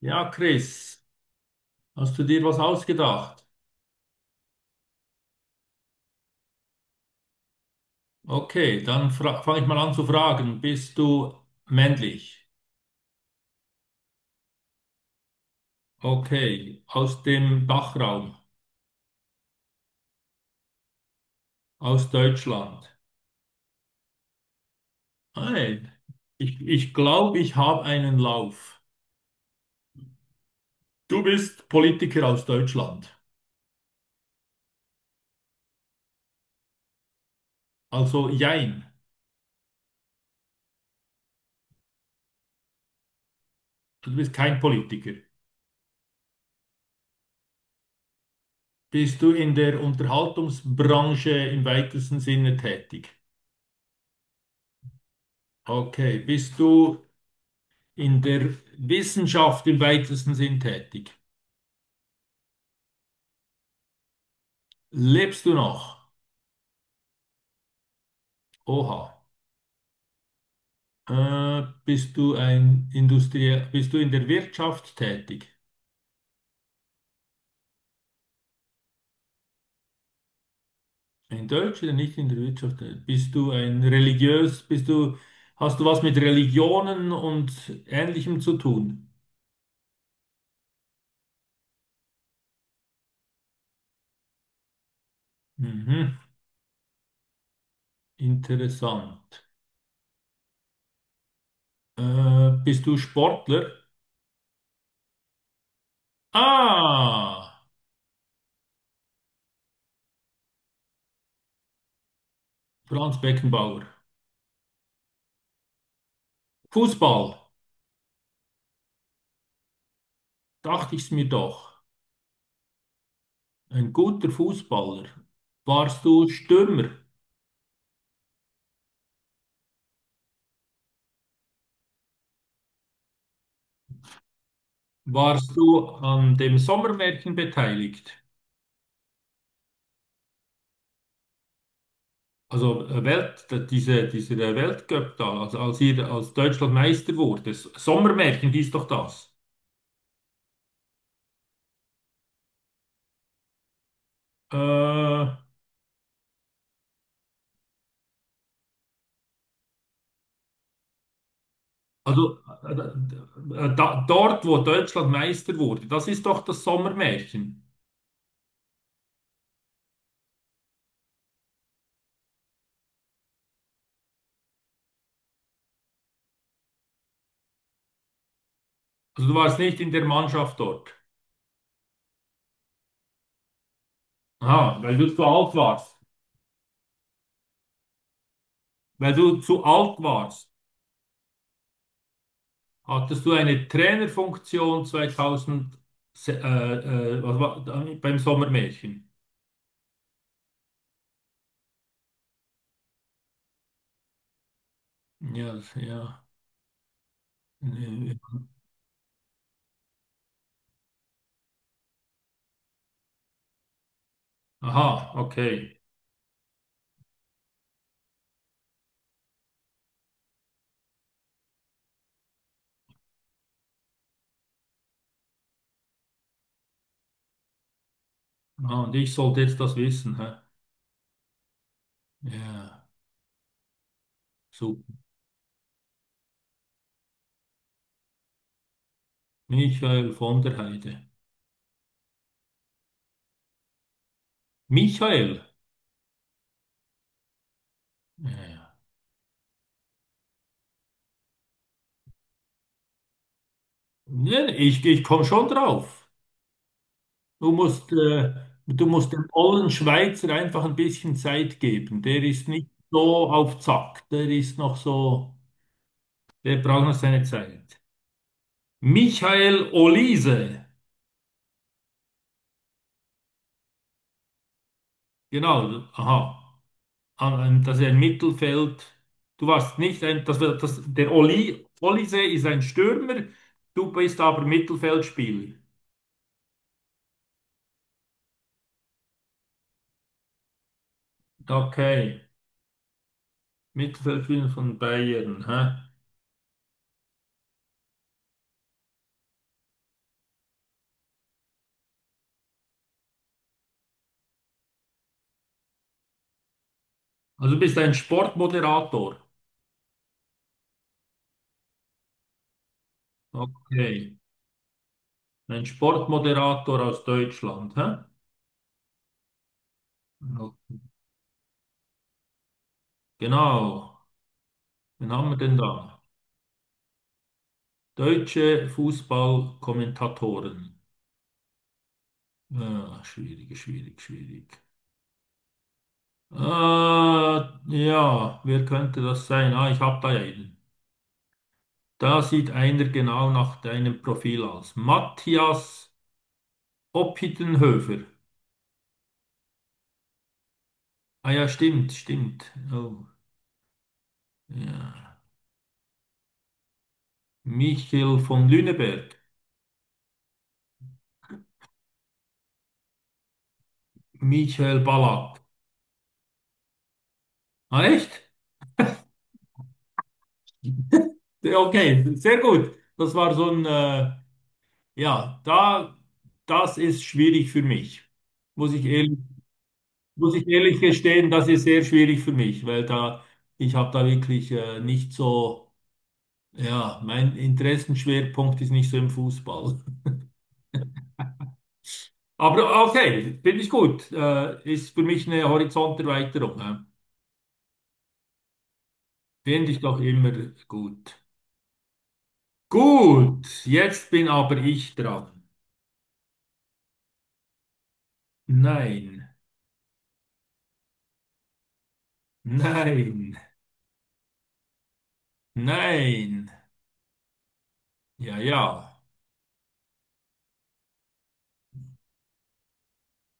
Ja, Chris, hast du dir was ausgedacht? Okay, dann fange ich mal an zu fragen. Bist du männlich? Okay, aus dem Dachraum, aus Deutschland. Nein, ich glaube, ich habe einen Lauf. Du bist Politiker aus Deutschland. Also jein, du bist kein Politiker. Bist du in der Unterhaltungsbranche im weitesten Sinne tätig? Okay, bist du in der Wissenschaft im weitesten Sinn tätig? Lebst du noch? Oha. Bist du ein Industrie, bist du in der Wirtschaft tätig? In Deutsch oder nicht in der Wirtschaft tätig? Bist du ein religiös, bist du, hast du was mit Religionen und Ähnlichem zu tun? Mhm, interessant. Bist du Sportler? Ah, Franz Beckenbauer. Fußball, dachte ich's mir doch. Ein guter Fußballer. Warst du Stürmer? Warst du an dem Sommermärchen beteiligt? Also Welt, dieser Weltcup da, also als ihr als Deutschland Meister wurde. S- Sommermärchen hieß doch das. Äh, also Dort, wo Deutschland Meister wurde, das ist doch das Sommermärchen. Also du warst nicht in der Mannschaft dort. Aha, weil du zu alt warst. Weil du zu alt warst, hattest du eine Trainerfunktion 2000, was war, beim Sommermärchen. Ja, ja. Nee. Aha, okay. Ah, und ich sollte jetzt das wissen, hä? Ja, super. Michael von der Heide. Michael? Ja. Nee, ich komme schon drauf. Du musst, äh, du musst dem ollen Schweizer einfach ein bisschen Zeit geben. Der ist nicht so auf Zack. Der ist noch so, der braucht noch seine Zeit. Michael Olise. Genau, aha. Das ist ein Mittelfeld. Du warst nicht ein, das, war- das, der Oli, Olise ist ein Stürmer, du bist aber Mittelfeldspieler. Okay, Mittelfeldspieler von Bayern. Hä? Also du bist ein Sportmoderator. Okay, ein Sportmoderator aus Deutschland. Hä? No- Genau, wen haben wir denn da? Deutsche Fußballkommentatoren. Ja, schwierig, schwierig, schwierig. Ja, Wer könnte das sein? Ah, ich habe da ja einen. Da sieht einer genau nach deinem Profil aus. Matthias Oppidenhöfer. Ah ja, stimmt, stimmt. Oh, ja. Michael von Lüneberg. Michael Ballack. Ah, echt? Ja, okay, sehr gut. Das war so ein, ja, da, das ist schwierig für mich. Muss ich ehrlich Muss ich ehrlich gestehen, das ist sehr schwierig für mich, weil da ich habe da wirklich nicht so, ja, mein Interessenschwerpunkt ist nicht so im Fußball. Aber okay, finde ich gut. Ist für mich eine Horizonterweiterung. Hä? Finde ich doch immer gut. Gut, jetzt bin aber ich dran. Nein, nein, nein. Ja, ja.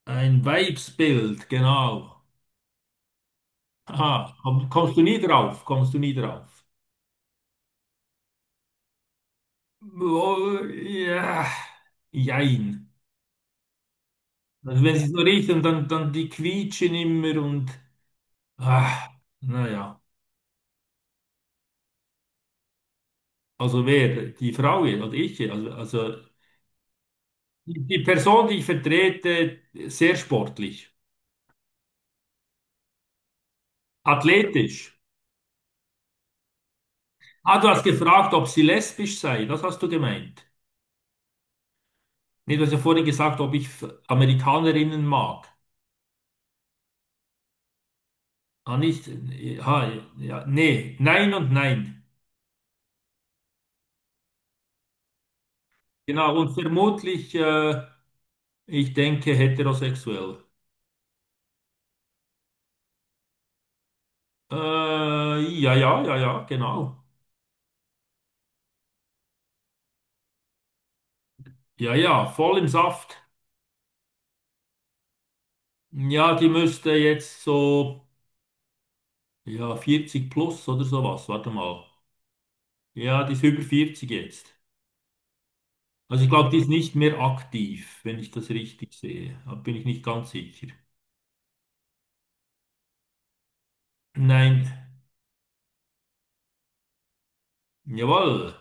Ein Weibsbild, genau. Aha, komm, kommst du nie drauf? Kommst du nie drauf? Boah, ja, jein. Also wenn sie so riechen, dann, dann die quietschen immer und ah, naja. Also wer? Die Frau hier, also ich hier. Also die, die Person, die ich vertrete, sehr sportlich, athletisch. Ah, du hast gefragt, ob sie lesbisch sei. Das hast du gemeint. Nee, du hast ja vorhin gesagt, ob ich F- Amerikanerinnen mag. Ah, nicht. Ah, ja, nee. Nein und nein. Genau. Und vermutlich. Ich denke heterosexuell. Ja, ja, ja, ja, genau. Ja, ja, voll im Saft. Ja, die müsste jetzt so, ja, 40 plus oder sowas. Warte mal. Ja, die ist über 40 jetzt. Also ich glaube, die ist nicht mehr aktiv, wenn ich das richtig sehe. Da bin ich nicht ganz sicher. Nein. Jawohl.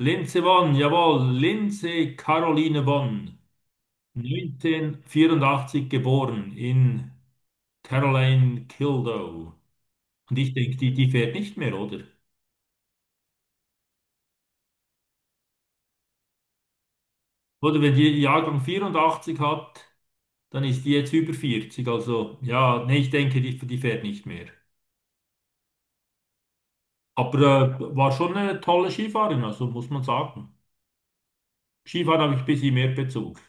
Linze Vonn, jawohl. Linze Caroline Vonn. 1984 geboren in Caroline Kildow. Und ich denke, die, die fährt nicht mehr, oder? Oder wenn die Jahrgang 84 hat, dann ist die jetzt über 40. Also ja, nee, ich denke, die, die fährt nicht mehr. Aber war schon eine tolle Skifahrerin, also muss man sagen. Skifahren habe ich ein bisschen mehr Bezug.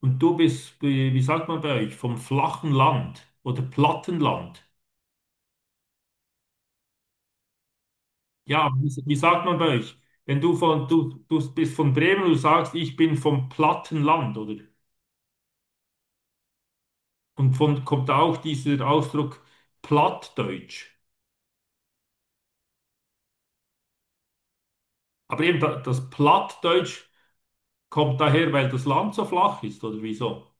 Und du bist, wie, wie sagt man bei euch, vom flachen Land oder Plattenland? Ja, wie, wie sagt man bei euch? Wenn du von, du bist von Bremen, du sagst, ich bin vom Plattenland, oder? Und von kommt auch dieser Ausdruck Plattdeutsch. Aber eben da- das Plattdeutsch kommt daher, weil das Land so flach ist, oder wieso?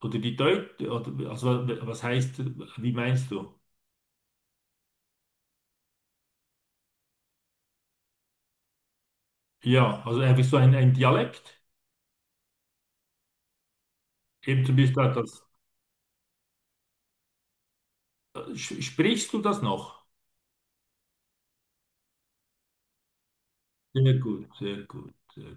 Oder die Deut, oder, also was heißt, wie meinst du? Ja, also einfach so ein Dialekt. Eben zum Beispiel das, sch- sprichst du das noch? Sehr gut, sehr gut. Sehr gut.